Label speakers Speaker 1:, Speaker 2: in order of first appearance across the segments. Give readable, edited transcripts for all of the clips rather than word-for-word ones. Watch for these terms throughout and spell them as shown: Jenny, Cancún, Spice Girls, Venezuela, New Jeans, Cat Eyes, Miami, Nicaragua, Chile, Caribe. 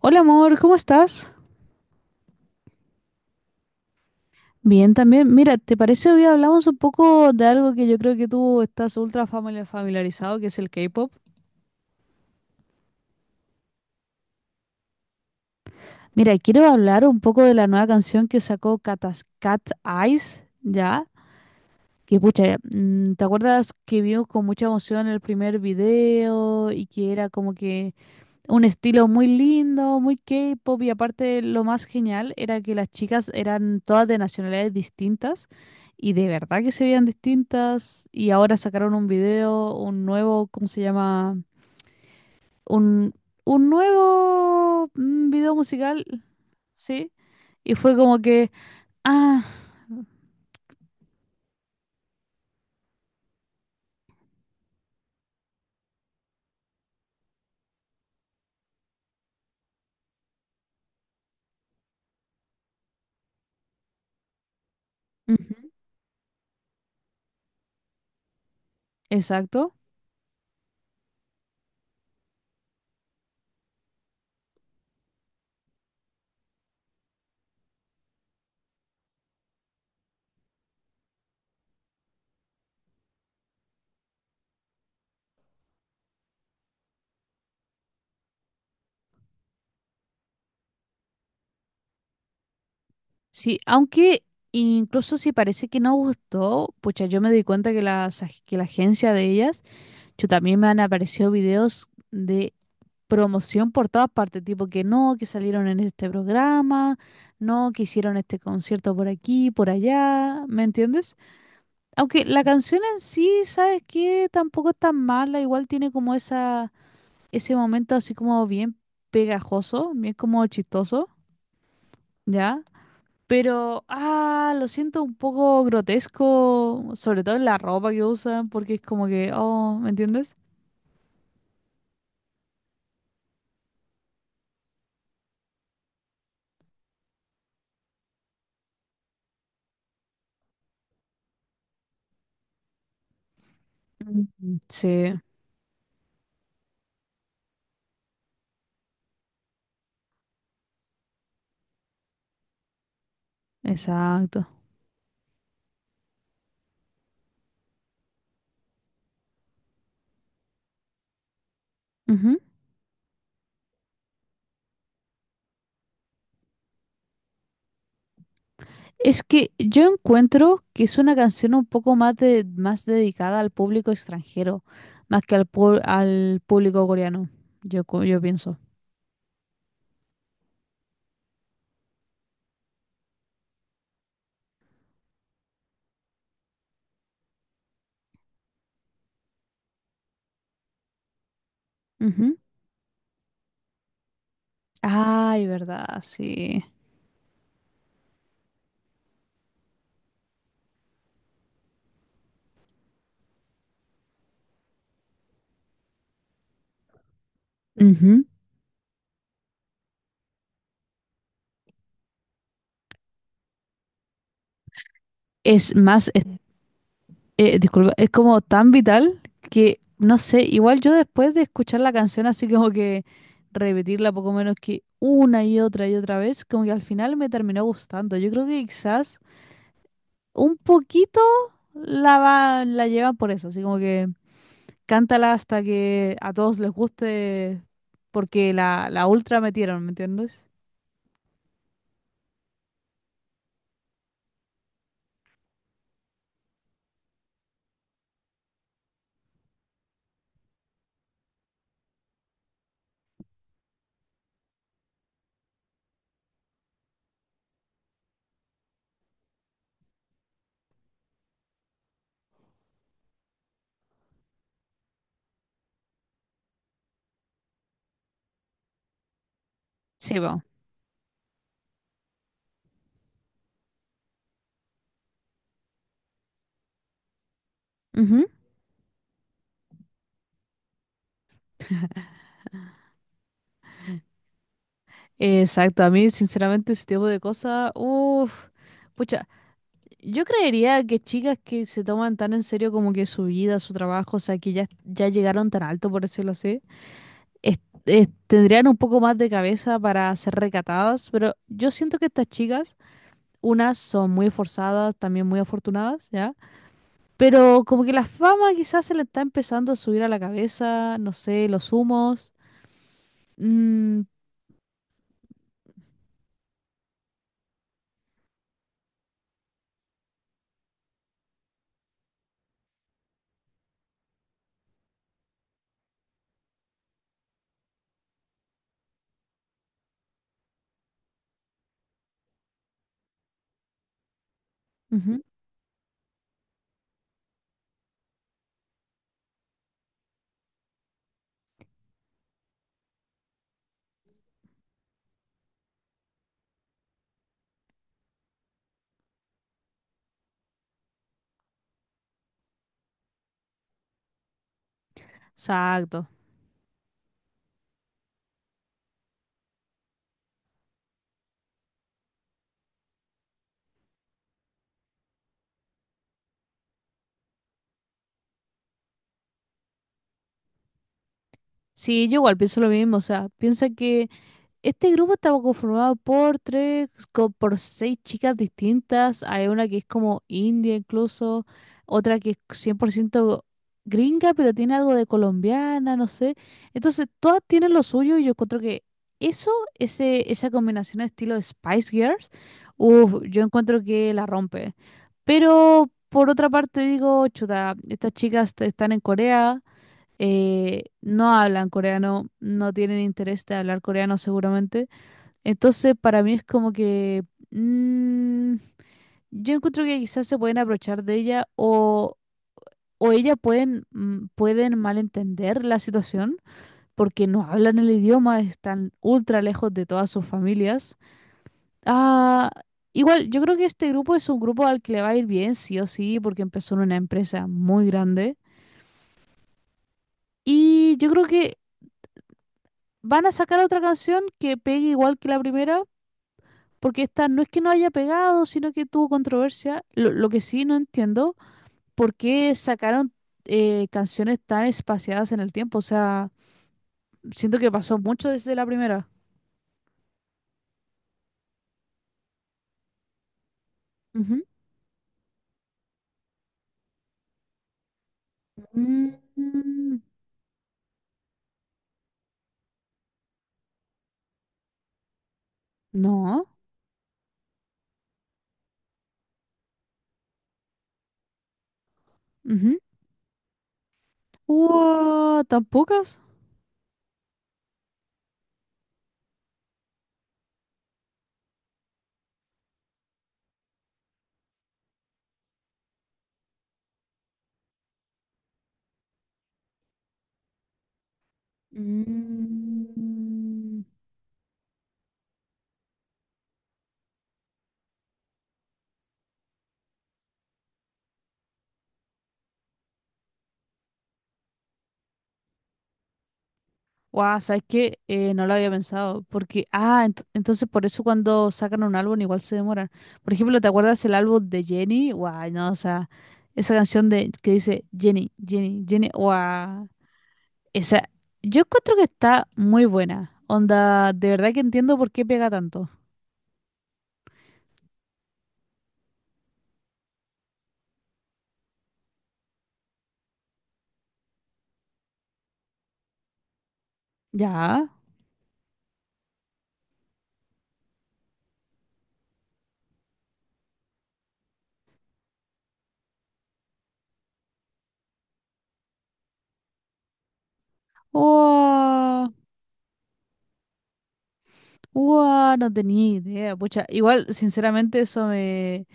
Speaker 1: Hola amor, ¿cómo estás? Bien, también. Mira, ¿te parece hoy hablamos un poco de algo que yo creo que tú estás familiarizado, que es el K-pop? Mira, quiero hablar un poco de la nueva canción que sacó Cat Eyes, ¿ya? Que pucha, ¿te acuerdas que vimos con mucha emoción el primer video y que era como que un estilo muy lindo, muy K-pop, y aparte lo más genial era que las chicas eran todas de nacionalidades distintas y de verdad que se veían distintas? Y ahora sacaron un video, un nuevo, ¿cómo se llama? Un, un nuevo video musical, ¿sí? Y fue como que, ah, ujú, exacto. Sí, aunque incluso si parece que no gustó, pucha, yo me di cuenta que que la agencia de ellas, yo también, me han aparecido videos de promoción por todas partes, tipo que no, que salieron en este programa, no, que hicieron este concierto por aquí, por allá, ¿me entiendes? Aunque la canción en sí, ¿sabes qué? Tampoco es tan mala, igual tiene como esa, ese momento así como bien pegajoso, bien como chistoso, ¿ya? Pero, ah, lo siento un poco grotesco, sobre todo en la ropa que usan, porque es como que, oh, ¿me entiendes? Mm, sí. Exacto. Ujú. Es que yo encuentro que es una canción un poco más, de, más dedicada al público extranjero, más que al, al público coreano, yo, yo pienso. Ujú. Ay, verdad, sí. Ujú. Es más, disculpa, es como tan vital que, no sé, igual yo después de escuchar la canción así como que repetirla poco menos que una y otra vez, como que al final me terminó gustando. Yo creo que quizás un poquito la va, la llevan por eso, así como que cántala hasta que a todos les guste, porque la ultra metieron, ¿me entiendes? Sí, vamos. Exacto, a mí sinceramente ese tipo de cosas, uff, pucha, yo creería que chicas que se toman tan en serio como que su vida, su trabajo, o sea, que ya llegaron tan alto, por decirlo así, es- tendrían un poco más de cabeza para ser recatadas, pero yo siento que estas chicas, unas son muy forzadas, también muy afortunadas, ¿ya? Pero como que la fama quizás se le está empezando a subir a la cabeza, no sé, los humos. Mm, ujú, exacto. Sí, yo igual pienso lo mismo, o sea, piensa que este grupo está conformado por por seis chicas distintas. Hay una que es como india incluso, otra que es 100% gringa, pero tiene algo de colombiana, no sé. Entonces, todas tienen lo suyo y yo encuentro que eso, esa combinación de estilo Spice Girls, uff, yo encuentro que la rompe. Pero por otra parte digo, chuta, estas chicas están en Corea, no hablan coreano, no tienen interés de hablar coreano seguramente. Entonces, para mí es como que mm, yo encuentro que quizás se pueden aprovechar de ella o ella pueden, pueden malentender la situación porque no hablan el idioma, están ultra lejos de todas sus familias. Ah, igual, yo creo que este grupo es un grupo al que le va a ir bien, sí o sí, porque empezó en una empresa muy grande. Y yo creo que van a sacar otra canción que pegue igual que la primera, porque esta no es que no haya pegado, sino que tuvo controversia. Lo que sí no entiendo, ¿por qué sacaron canciones tan espaciadas en el tiempo? O sea, siento que pasó mucho desde la primera. Ujú. Mm, no. Ujú. Ua, ¿tan pocas? Mm. Guau, ¿sabes qué? No lo había pensado, porque, ah, entonces por eso cuando sacan un álbum igual se demoran. Por ejemplo, ¿te acuerdas el álbum de Jenny? Guau, no, o sea, esa canción de que dice Jenny, Jenny, Jenny, guau, esa, yo encuentro que está muy buena. Onda, de verdad que entiendo por qué pega tanto. Ya, guau, guau, no tenía idea, pucha, igual, sinceramente, eso me...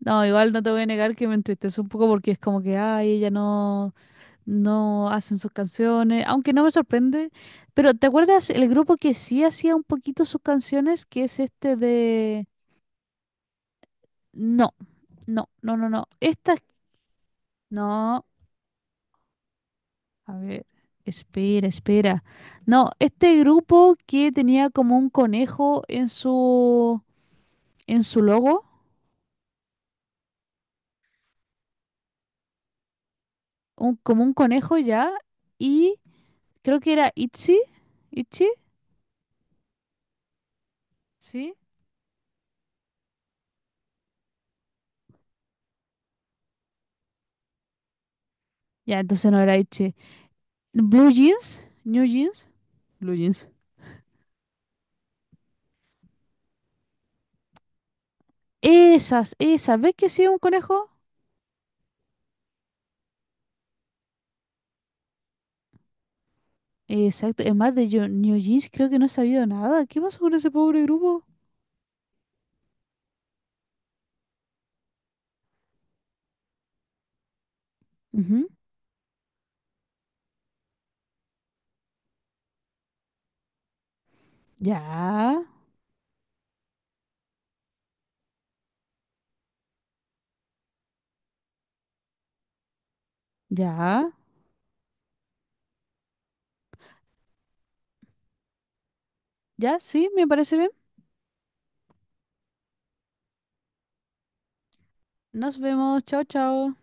Speaker 1: no, igual no te voy a negar que me entristece un poco porque es como que, ay, ella no, no hacen sus canciones, aunque no me sorprende, pero ¿te acuerdas el grupo que sí hacía un poquito sus canciones, que es este de... No, no, esta... no, a ver, espera, espera. No, este grupo que tenía como un conejo en su logo, un, como un conejo ya, y creo que era Itzy, Itchy, ¿sí? Ya, entonces no era Itchy. Blue Jeans, New Jeans, Blue Jeans. Esas, esas. ¿Ves que sí es un conejo? Exacto. Es más, de New Jeans creo que no he sabido nada. ¿Qué pasó con ese pobre grupo? Ujú. Ya, ya, ya, sí, me parece bien. Nos vemos. Chao, chao.